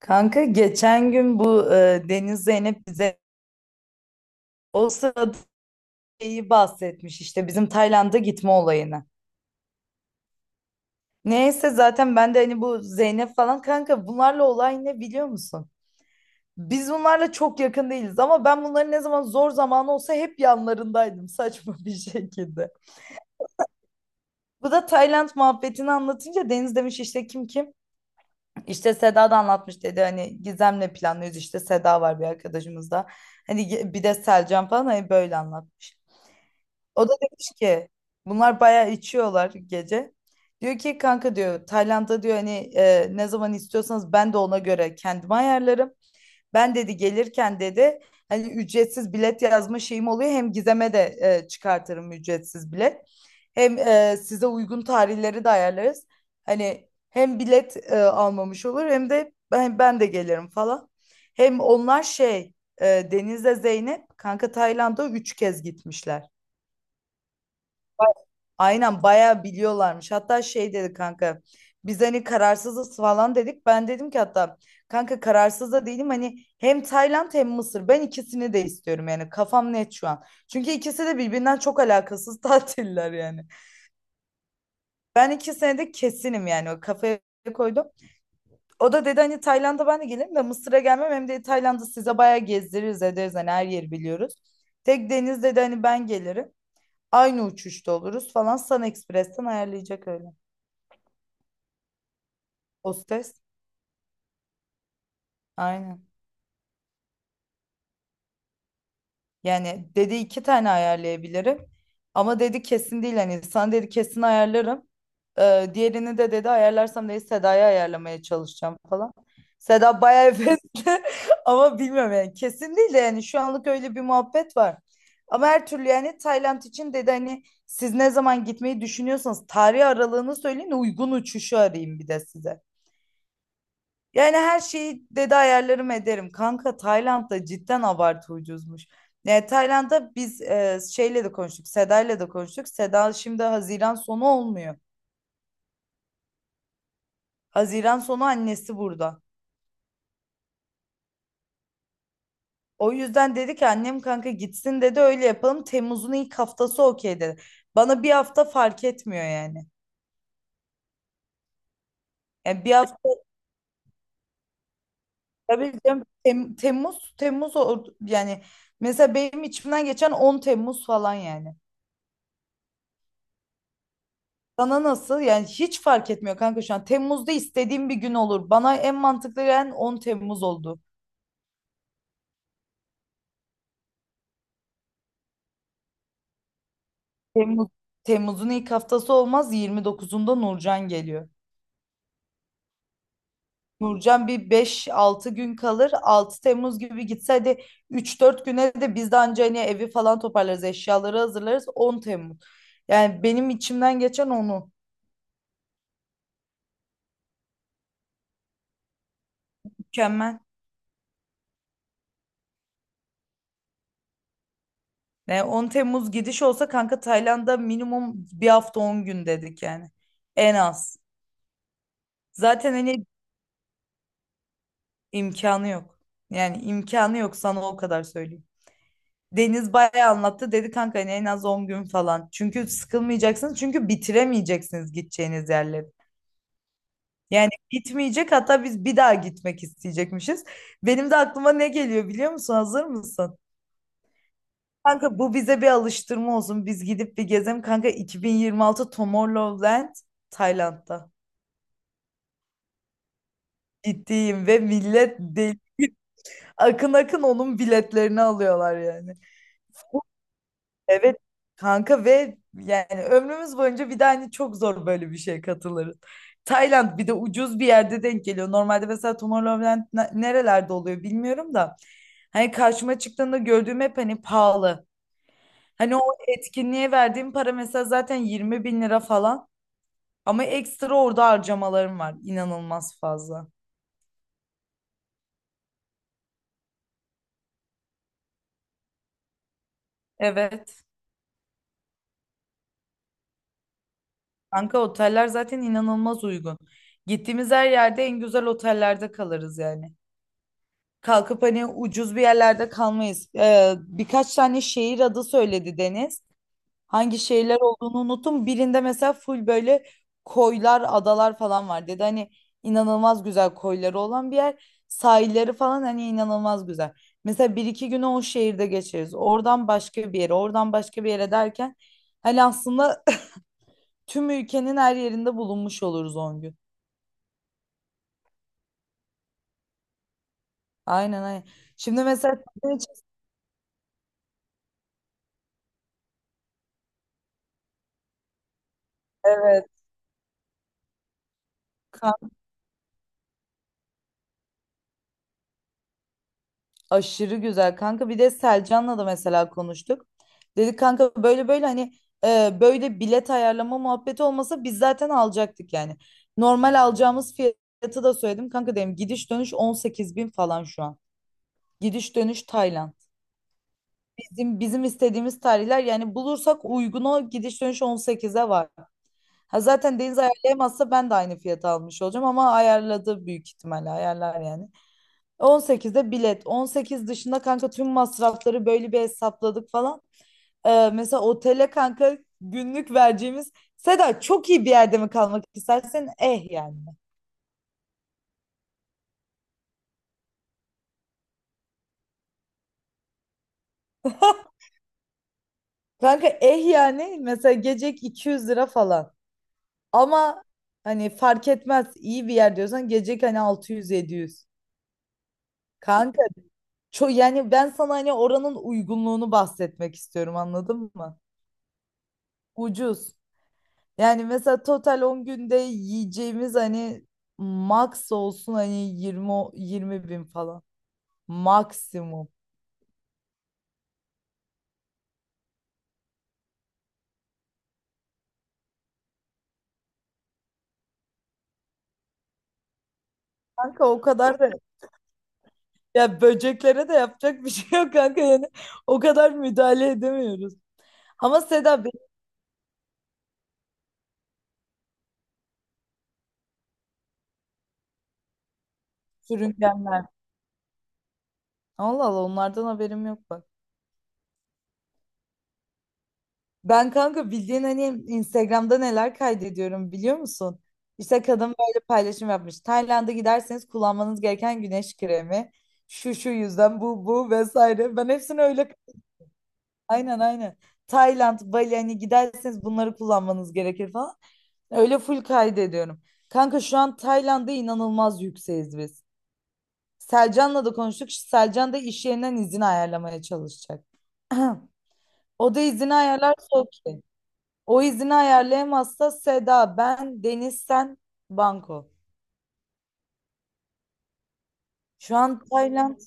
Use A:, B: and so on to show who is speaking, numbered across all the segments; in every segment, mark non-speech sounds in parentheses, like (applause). A: Kanka geçen gün bu Deniz Zeynep bize o sırada şeyi bahsetmiş işte bizim Tayland'a gitme olayını. Neyse zaten ben de hani bu Zeynep falan kanka bunlarla olay ne biliyor musun? Biz bunlarla çok yakın değiliz ama ben bunların ne zaman zor zamanı olsa hep yanlarındaydım (laughs) saçma bir şekilde. Bu da Tayland muhabbetini anlatınca Deniz demiş işte kim kim? İşte Seda da anlatmış dedi hani Gizem'le planlıyoruz işte Seda var bir arkadaşımız da. Hani bir de Selcan falan hani böyle anlat. O da demiş ki bunlar bayağı içiyorlar gece. Diyor ki kanka diyor Tayland'a diyor hani ne zaman istiyorsanız ben de ona göre kendimi ayarlarım. Ben dedi gelirken dedi hani ücretsiz bilet yazma şeyim oluyor. Hem Gizem'e de çıkartırım ücretsiz bilet. Hem size uygun tarihleri de ayarlarız. Hani hem bilet almamış olur hem de ben de gelirim falan. Hem onlar Deniz'le Zeynep kanka Tayland'a 3 kez gitmişler. Aynen bayağı biliyorlarmış. Hatta şey dedi kanka. Biz hani kararsızız falan dedik. Ben dedim ki hatta kanka kararsız da değilim. Hani hem Tayland hem Mısır. Ben ikisini de istiyorum yani. Kafam net şu an. Çünkü ikisi de birbirinden çok alakasız (laughs) tatiller yani. Ben 2 senede kesinim yani. O kafaya koydum. O da dedi hani Tayland'a ben de gelirim de Mısır'a gelmem. Hem de Tayland'ı size bayağı gezdiririz ederiz. Hani her yeri biliyoruz. Tek Deniz dedi hani ben gelirim. Aynı uçuşta oluruz falan. Sun Express'ten ayarlayacak öyle. Hostes. Aynen. Yani dedi iki tane ayarlayabilirim. Ama dedi kesin değil. Hani sana dedi kesin ayarlarım. Diğerini de dedi ayarlarsam dedi Sedaya ayarlamaya çalışacağım falan. Seda bayağı hevesli (laughs) ama bilmiyorum yani kesin değil de yani şu anlık öyle bir muhabbet var. Ama her türlü yani Tayland için dedi hani siz ne zaman gitmeyi düşünüyorsanız tarih aralığını söyleyin uygun uçuşu arayayım bir de size. Yani her şeyi dedi ayarlarım ederim. Kanka Tayland'da cidden abartı ucuzmuş. Yani Tayland'da biz şeyle de konuştuk. Seda'yla da konuştuk. Seda şimdi Haziran sonu olmuyor. Haziran sonu annesi burada. O yüzden dedi ki annem kanka gitsin dedi öyle yapalım. Temmuz'un ilk haftası okey dedi. Bana bir hafta fark etmiyor yani. Yani bir hafta tabii canım, yani mesela benim içimden geçen 10 Temmuz falan yani. Sana nasıl? Yani hiç fark etmiyor kanka şu an. Temmuz'da istediğim bir gün olur. Bana en mantıklı gelen 10 Temmuz oldu. Temmuz, Temmuz'un ilk haftası olmaz. 29'unda Nurcan geliyor. Nurcan bir 5-6 gün kalır. 6 Temmuz gibi gitse hadi 3-4 güne de biz de anca hani evi falan toparlarız. Eşyaları hazırlarız. 10 Temmuz. Yani benim içimden geçen onu. Mükemmel. Yani 10 Temmuz gidiş olsa kanka Tayland'a minimum bir hafta 10 gün dedik yani. En az. Zaten hani İmkanı yok. Yani imkanı yok sana o kadar söyleyeyim. Deniz bayağı anlattı. Dedi kanka hani en az 10 gün falan. Çünkü sıkılmayacaksınız. Çünkü bitiremeyeceksiniz gideceğiniz yerleri. Yani bitmeyecek hatta biz bir daha gitmek isteyecekmişiz. Benim de aklıma ne geliyor biliyor musun? Hazır mısın? Kanka bu bize bir alıştırma olsun. Biz gidip bir gezelim. Kanka 2026 Tomorrowland Tayland'da. Gittiğim ve millet değil. Akın akın onun biletlerini alıyorlar yani. Evet kanka ve yani ömrümüz boyunca bir de hani çok zor böyle bir şeye katılırız. Tayland bir de ucuz bir yerde denk geliyor. Normalde mesela Tomorrowland nerelerde oluyor bilmiyorum da. Hani karşıma çıktığında gördüğüm hep hani pahalı. Hani o etkinliğe verdiğim para mesela zaten 20.000 lira falan. Ama ekstra orada harcamalarım var. İnanılmaz fazla. Evet. Kanka oteller zaten inanılmaz uygun. Gittiğimiz her yerde en güzel otellerde kalırız yani. Kalkıp hani ucuz bir yerlerde kalmayız. Birkaç tane şehir adı söyledi Deniz. Hangi şehirler olduğunu unuttum. Birinde mesela full böyle koylar, adalar falan var dedi. Hani inanılmaz güzel koyları olan bir yer. Sahilleri falan hani inanılmaz güzel. Mesela bir iki günü o şehirde geçiririz. Oradan başka bir yere, oradan başka bir yere derken hani aslında (laughs) (clears throat) tüm ülkenin her yerinde bulunmuş oluruz 10 gün. Aynen aynen. Şimdi mesela sizin için- evet. Aşırı güzel kanka. Bir de Selcan'la da mesela konuştuk. Dedik kanka böyle böyle hani böyle bilet ayarlama muhabbeti olmasa biz zaten alacaktık yani. Normal alacağımız fiyatı da söyledim. Kanka dedim gidiş dönüş 18 bin falan şu an. Gidiş dönüş Tayland. Bizim istediğimiz tarihler yani bulursak uygun o gidiş dönüş 18'e var. Ha zaten Deniz ayarlayamazsa ben de aynı fiyata almış olacağım ama ayarladı büyük ihtimalle ayarlar yani. 18'de bilet. 18 dışında kanka tüm masrafları böyle bir hesapladık falan. Mesela otele kanka günlük vereceğimiz Seda çok iyi bir yerde mi kalmak istersen eh yani. Kanka eh yani mesela gecek 200 lira falan. Ama hani fark etmez iyi bir yer diyorsan gecek hani 600-700. Kanka çok yani ben sana hani oranın uygunluğunu bahsetmek istiyorum anladın mı? Ucuz. Yani mesela total 10 günde yiyeceğimiz hani max olsun hani 20 20 bin falan. Maksimum. Kanka o kadar da ya böceklere de yapacak bir şey yok kanka yani o kadar müdahale edemiyoruz. Ama Seda benim sürüngenler. Allah Allah onlardan haberim yok bak. Ben kanka bildiğin hani Instagram'da neler kaydediyorum biliyor musun? İşte kadın böyle paylaşım yapmış. Tayland'a giderseniz kullanmanız gereken güneş kremi. Şu şu yüzden bu bu vesaire. Ben hepsini öyle aynen aynen. Tayland, Bali hani giderseniz bunları kullanmanız gerekir falan. Öyle full kaydediyorum. Kanka şu an Tayland'da inanılmaz yükseğiz biz. Selcan'la da konuştuk. Selcan da iş yerinden izin ayarlamaya çalışacak. (clears throat) O da izini ayarlarsa okey. O izini ayarlayamazsa Seda, ben, Deniz, sen, Banko. Şu an Tayland.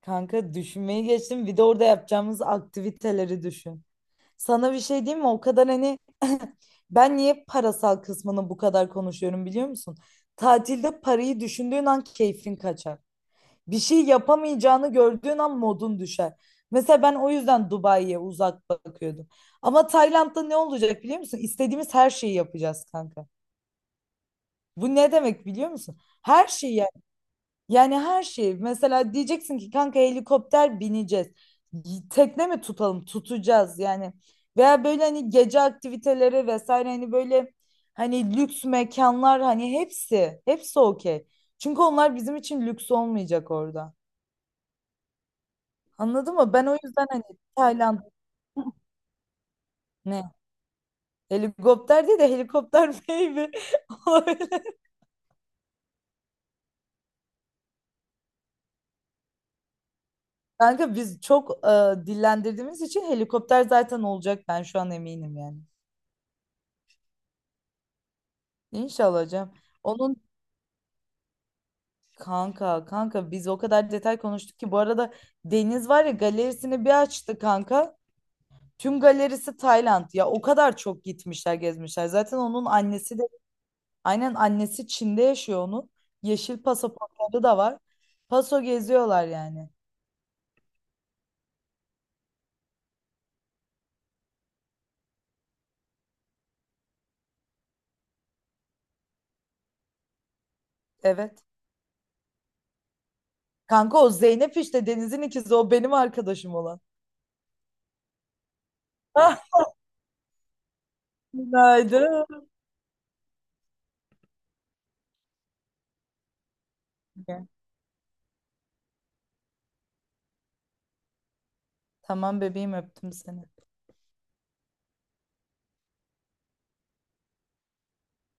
A: Kanka düşünmeyi geçtim. Bir de orada yapacağımız aktiviteleri düşün. Sana bir şey diyeyim mi? O kadar hani (laughs) ben niye parasal kısmını bu kadar konuşuyorum biliyor musun? Tatilde parayı düşündüğün an keyfin kaçar. Bir şey yapamayacağını gördüğün an modun düşer. Mesela ben o yüzden Dubai'ye uzak bakıyordum. Ama Tayland'da ne olacak biliyor musun? İstediğimiz her şeyi yapacağız kanka. Bu ne demek biliyor musun? Her şeyi yani her şeyi mesela diyeceksin ki kanka helikopter bineceğiz. Tekne mi tutalım? Tutacağız yani. Veya böyle hani gece aktiviteleri vesaire hani böyle hani lüks mekanlar hani hepsi hepsi okey. Çünkü onlar bizim için lüks olmayacak orada. Anladın mı? Ben o yüzden hani Tayland ne? Helikopter değil de helikopter baby (laughs) olabilir. Kanka biz çok dillendirdiğimiz için helikopter zaten olacak ben şu an eminim yani. İnşallah hocam. Onun kanka biz o kadar detay konuştuk ki bu arada Deniz var ya galerisini bir açtı kanka. Tüm galerisi Tayland ya o kadar çok gitmişler gezmişler. Zaten onun annesi de aynen annesi Çin'de yaşıyor onun. Yeşil pasaportları da var. Paso geziyorlar yani. Evet. Kanka o Zeynep işte Deniz'in ikizi o benim arkadaşım olan. Ah günaydın. Tamam bebeğim öptüm seni.